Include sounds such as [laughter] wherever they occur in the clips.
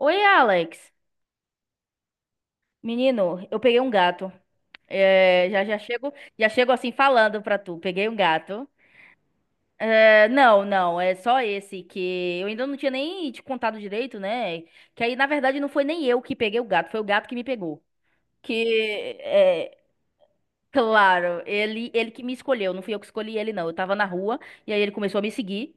Oi, Alex. Menino, eu peguei um gato. É, já já chego assim falando pra tu. Peguei um gato. É, não, não, é só esse que eu ainda não tinha nem te contado direito, né? Que aí, na verdade, não foi nem eu que peguei o gato, foi o gato que me pegou. Que, é, claro, ele que me escolheu, não fui eu que escolhi ele, não. Eu tava na rua e aí ele começou a me seguir.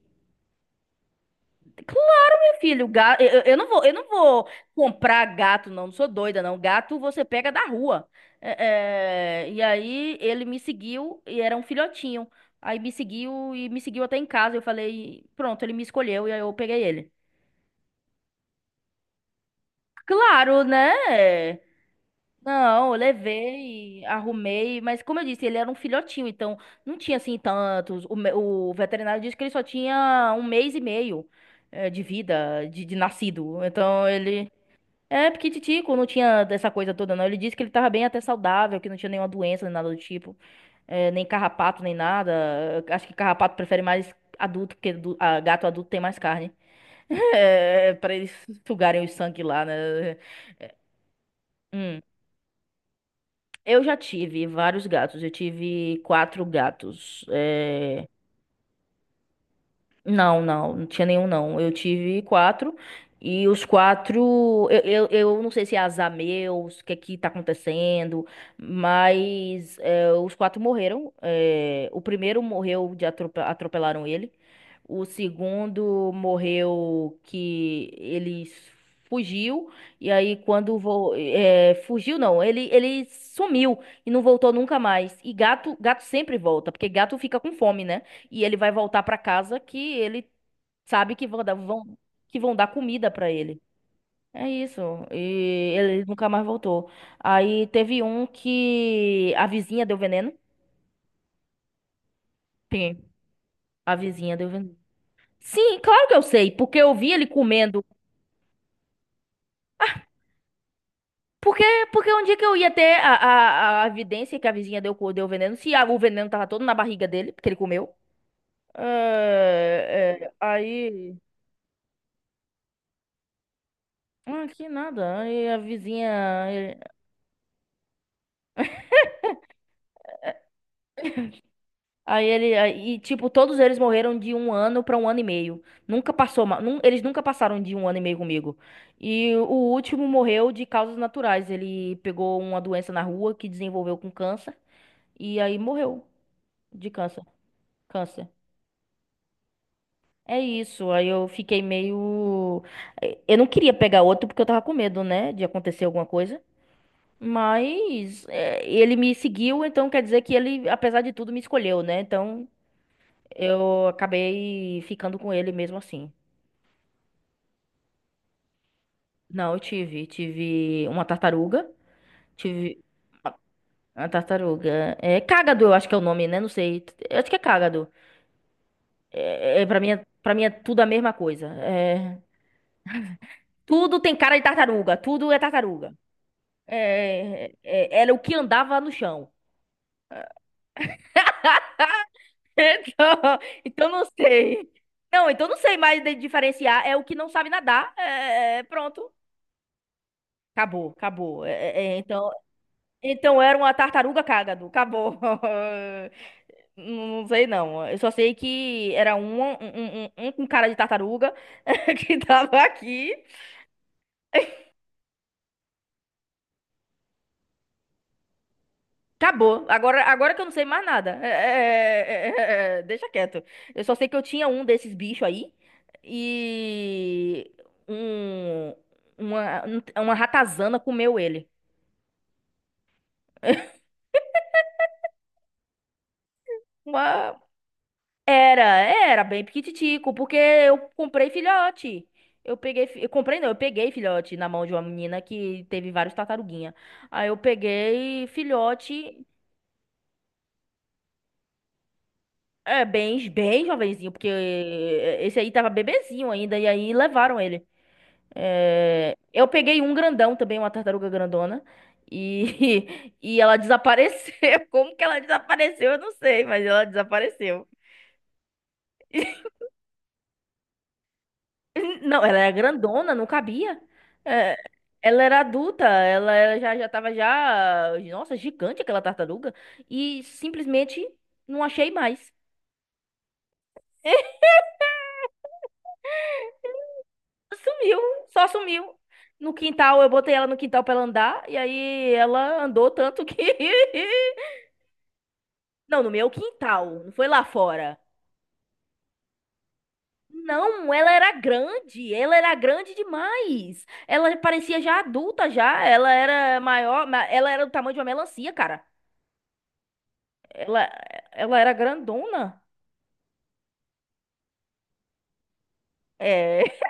Filho, gato, eu não vou comprar gato, não. Não sou doida, não. Gato você pega da rua. É, é, e aí ele me seguiu e era um filhotinho. Aí me seguiu e me seguiu até em casa. Eu falei, pronto, ele me escolheu e aí eu peguei ele. Claro, né? Não, eu levei, arrumei, mas como eu disse, ele era um filhotinho, então não tinha assim tantos. O veterinário disse que ele só tinha 1 mês e meio de vida, de nascido. Então ele. É, porque Titico não tinha dessa coisa toda, não. Ele disse que ele tava bem até saudável, que não tinha nenhuma doença, nem nada do tipo. É, nem carrapato, nem nada. Eu acho que carrapato prefere mais adulto, porque gato adulto tem mais carne. [laughs] É, pra eles sugarem o sangue lá, né? É, Hum. Eu já tive vários gatos. Eu tive quatro gatos. É, não, não, não tinha nenhum não. Eu tive quatro e os quatro, eu não sei se é azar meu, o que é que tá acontecendo, mas os quatro morreram. É, o primeiro morreu de atropelaram ele. O segundo morreu que ele fugiu e aí quando fugiu não, ele sumiu e não voltou nunca mais. E gato, gato sempre volta, porque gato fica com fome, né? E ele vai voltar pra casa que ele sabe que vão dar comida pra ele. É isso. E ele nunca mais voltou. Aí teve um que a vizinha deu veneno. Sim. A vizinha deu veneno. Sim, claro que eu sei, porque eu vi ele comendo. Porque, porque, onde é que eu ia ter a, a evidência que a vizinha deu veneno? Se o veneno tava todo na barriga dele, porque ele comeu. É, é, aí. Ah, que nada. Aí a vizinha. Aí ele, aí, e, tipo, todos eles morreram de 1 ano pra 1 ano e meio. Nunca passou, eles nunca passaram de 1 ano e meio comigo. E o último morreu de causas naturais. Ele pegou uma doença na rua que desenvolveu com câncer e aí morreu de câncer. Câncer. É isso. Aí eu fiquei meio, eu não queria pegar outro porque eu tava com medo, né, de acontecer alguma coisa. Mas ele me seguiu, então quer dizer que ele, apesar de tudo, me escolheu, né? Então eu acabei ficando com ele mesmo assim. Não, eu tive. Tive uma tartaruga. Tive uma tartaruga. É cágado, eu acho que é o nome, né? Não sei. Eu acho que é cágado. É, é, pra mim, pra mim é tudo a mesma coisa. É, tudo tem cara de tartaruga. Tudo é tartaruga. É, era o que andava no chão. [laughs] Então, então, não sei. Não, então não sei mais diferenciar. É o que não sabe nadar. É, é, pronto. Acabou, acabou. É, é, é, então. Então era uma tartaruga cágado. Acabou. [laughs] Não sei, não. Eu só sei que era um com cara de tartaruga [laughs] que tava aqui. Acabou. Agora, que eu não sei mais nada. É, é, é, é, é, deixa quieto. Eu só sei que eu tinha um desses bichos aí e um, uma, uma ratazana comeu ele. Uma, Era, era bem piquititico, porque eu comprei filhote. Eu comprei não, eu peguei filhote na mão de uma menina que teve vários tartaruguinha. Aí eu peguei filhote, bem, bem jovenzinho, porque esse aí tava bebezinho ainda, e aí levaram ele. É, eu peguei um grandão também, uma tartaruga grandona, e, [laughs] e ela desapareceu. [laughs] Como que ela desapareceu? Eu não sei, mas ela desapareceu. Não, ela era grandona, não cabia. É, ela era adulta, já, já tava já. Nossa, gigante aquela tartaruga. E simplesmente não achei mais. Sumiu, só sumiu. No quintal, eu botei ela no quintal pra ela andar, e aí ela andou tanto que. [laughs] Não, no meu quintal, não foi lá fora. Não, ela era grande demais. Ela parecia já adulta já, ela era maior, ela era do tamanho de uma melancia, cara. Ela, ela era grandona? É. [laughs]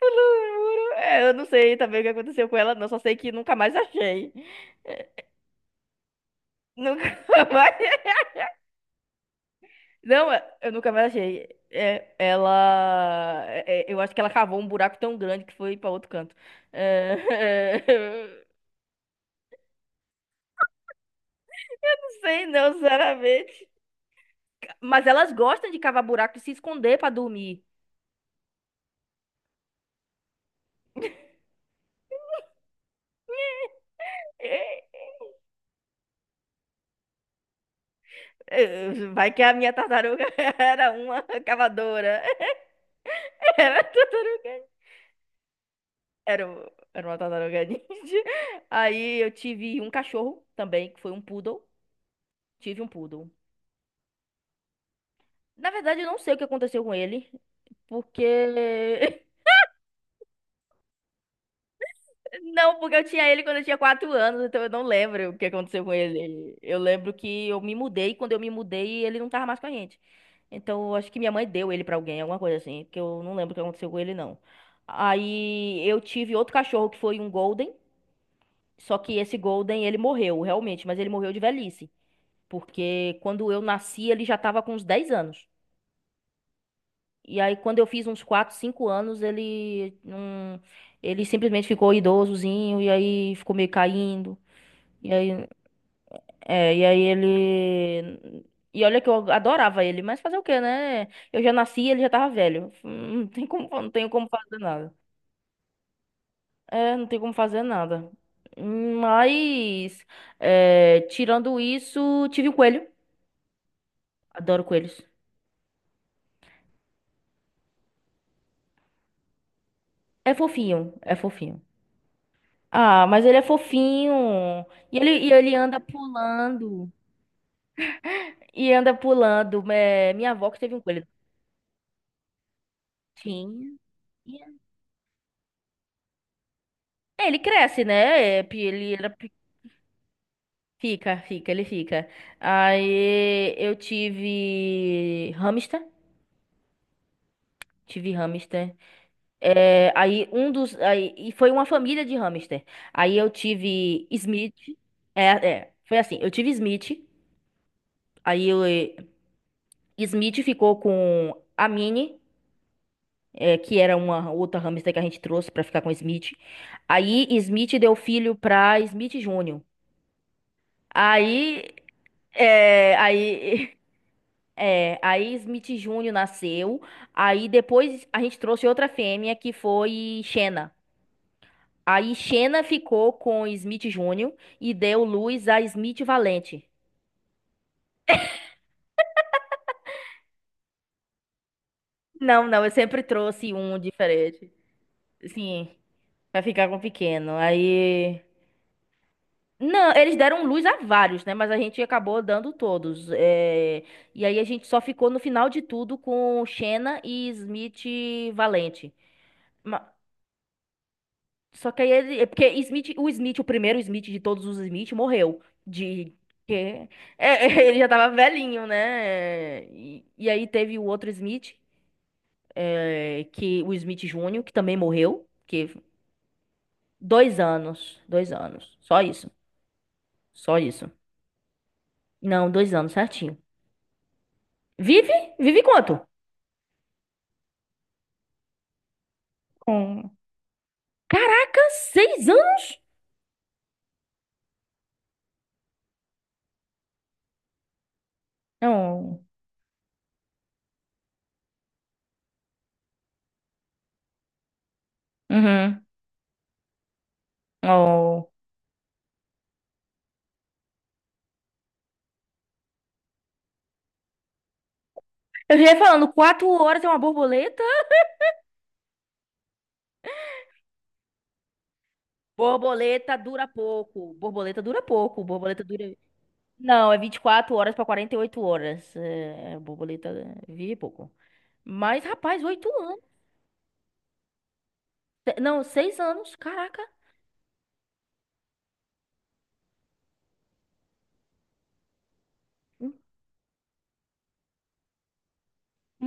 Eu não juro. É, eu não sei também o que aconteceu com ela, não. Só sei que nunca mais achei. Nunca [laughs] mais. Não, eu nunca mais achei. É, eu acho que ela cavou um buraco tão grande que foi pra outro canto. É, [laughs] não sei, não, sinceramente. Mas elas gostam de cavar buraco e se esconder pra dormir. É, é, Vai que a minha tartaruga [laughs] era uma cavadora. [laughs] Era tartaruga. Era uma tartaruga ninja. Aí eu tive um cachorro também, que foi um poodle. Tive um poodle. Na verdade, eu não sei o que aconteceu com ele, porque. [laughs] Não, porque eu tinha ele quando eu tinha 4 anos, então eu não lembro o que aconteceu com ele. Eu lembro que eu me mudei, quando eu me mudei, ele não tava mais com a gente. Então, eu acho que minha mãe deu ele pra alguém, alguma coisa assim, porque eu não lembro o que aconteceu com ele, não. Aí eu tive outro cachorro que foi um Golden. Só que esse Golden, ele morreu, realmente, mas ele morreu de velhice. Porque quando eu nasci, ele já tava com uns 10 anos. E aí, quando eu fiz uns 4 5 anos, ele não. Ele simplesmente ficou idosozinho, e aí ficou meio caindo. E aí, e aí ele. E olha que eu adorava ele, mas fazer o quê, né? Eu já nasci e ele já tava velho. Não tem como, não tenho como fazer nada. É, não tem como fazer nada. Mas, tirando isso, tive o coelho. Adoro coelhos. É fofinho, é fofinho. Ah, mas ele é fofinho. E ele anda pulando. E anda pulando. É, minha avó que teve um coelho. Tinha. E- Ele cresce, né? É, fica, fica, ele fica. Aí eu tive hamster. Tive hamster. É, aí um dos. Aí, e foi uma família de hamster. Aí eu tive Smith. É, é, foi assim. Eu tive Smith. Aí eu, Smith ficou com a Minnie, que era uma outra hamster que a gente trouxe pra ficar com Smith. Aí Smith deu filho pra Smith Júnior. Aí, é, aí, [laughs] é, aí Smith Júnior nasceu. Aí depois a gente trouxe outra fêmea que foi Xena. Aí Xena ficou com Smith Júnior e deu luz a Smith Valente. Não, não, eu sempre trouxe um diferente. Sim, pra ficar com o pequeno. Aí Não, eles deram luz a vários, né? Mas a gente acabou dando todos. E aí a gente só ficou no final de tudo com Xena e Smith Valente. Ma- Só que aí ele. Porque Smith, o Smith, o primeiro Smith de todos os Smith, morreu. De. Que... É, [laughs] ele já tava velhinho, né? E aí teve o outro Smith, que o Smith Júnior, que também morreu. Que 2 anos. 2 anos. Só isso. Só isso. Não, 2 anos, certinho. Vive? Vive quanto? Com. Caraca, 6 anos? Não. Uhum. Oh. Eu já ia falando, 4 horas é uma borboleta? Borboleta dura pouco. Borboleta dura pouco. Borboleta dura. Não, é 24 horas pra 48 horas. É, borboleta vive pouco. Mas, rapaz, 8 anos. Não, seis anos. Caraca.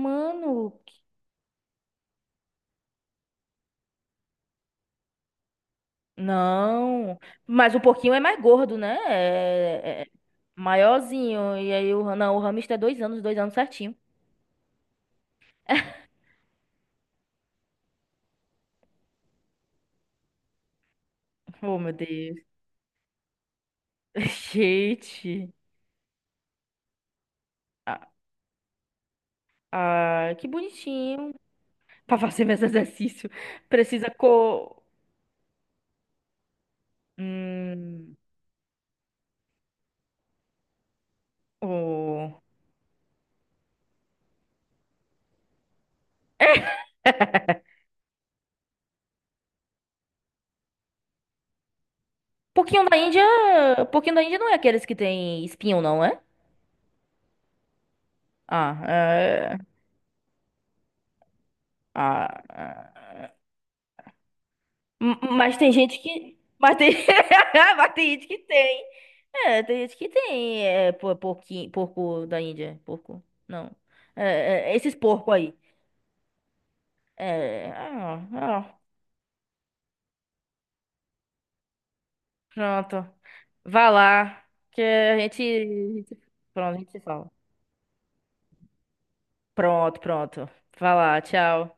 Mano, Não, mas o porquinho é mais gordo, né? Maiorzinho. E aí o, não, o hamster é 2 anos, 2 anos certinho. Oh, meu Deus. [laughs] Gente. Ah, ah, que bonitinho. Pra fazer mais exercício, [laughs] precisa co... Hum, o... Porquinho da Índia... Porquinho da Índia não é aqueles que tem espinho, não é? Ah, é... Ah, é. Mas tem gente que. Mas tem, [laughs] mas tem gente que tem. É, tem gente que tem. É, porquinho, porco da Índia. Porco. Não. É, é, esses porcos aí. É. Ah, ah, pronto. Vá lá. Que a gente. Pronto, a gente se fala. Pronto, pronto. Vá lá, tchau.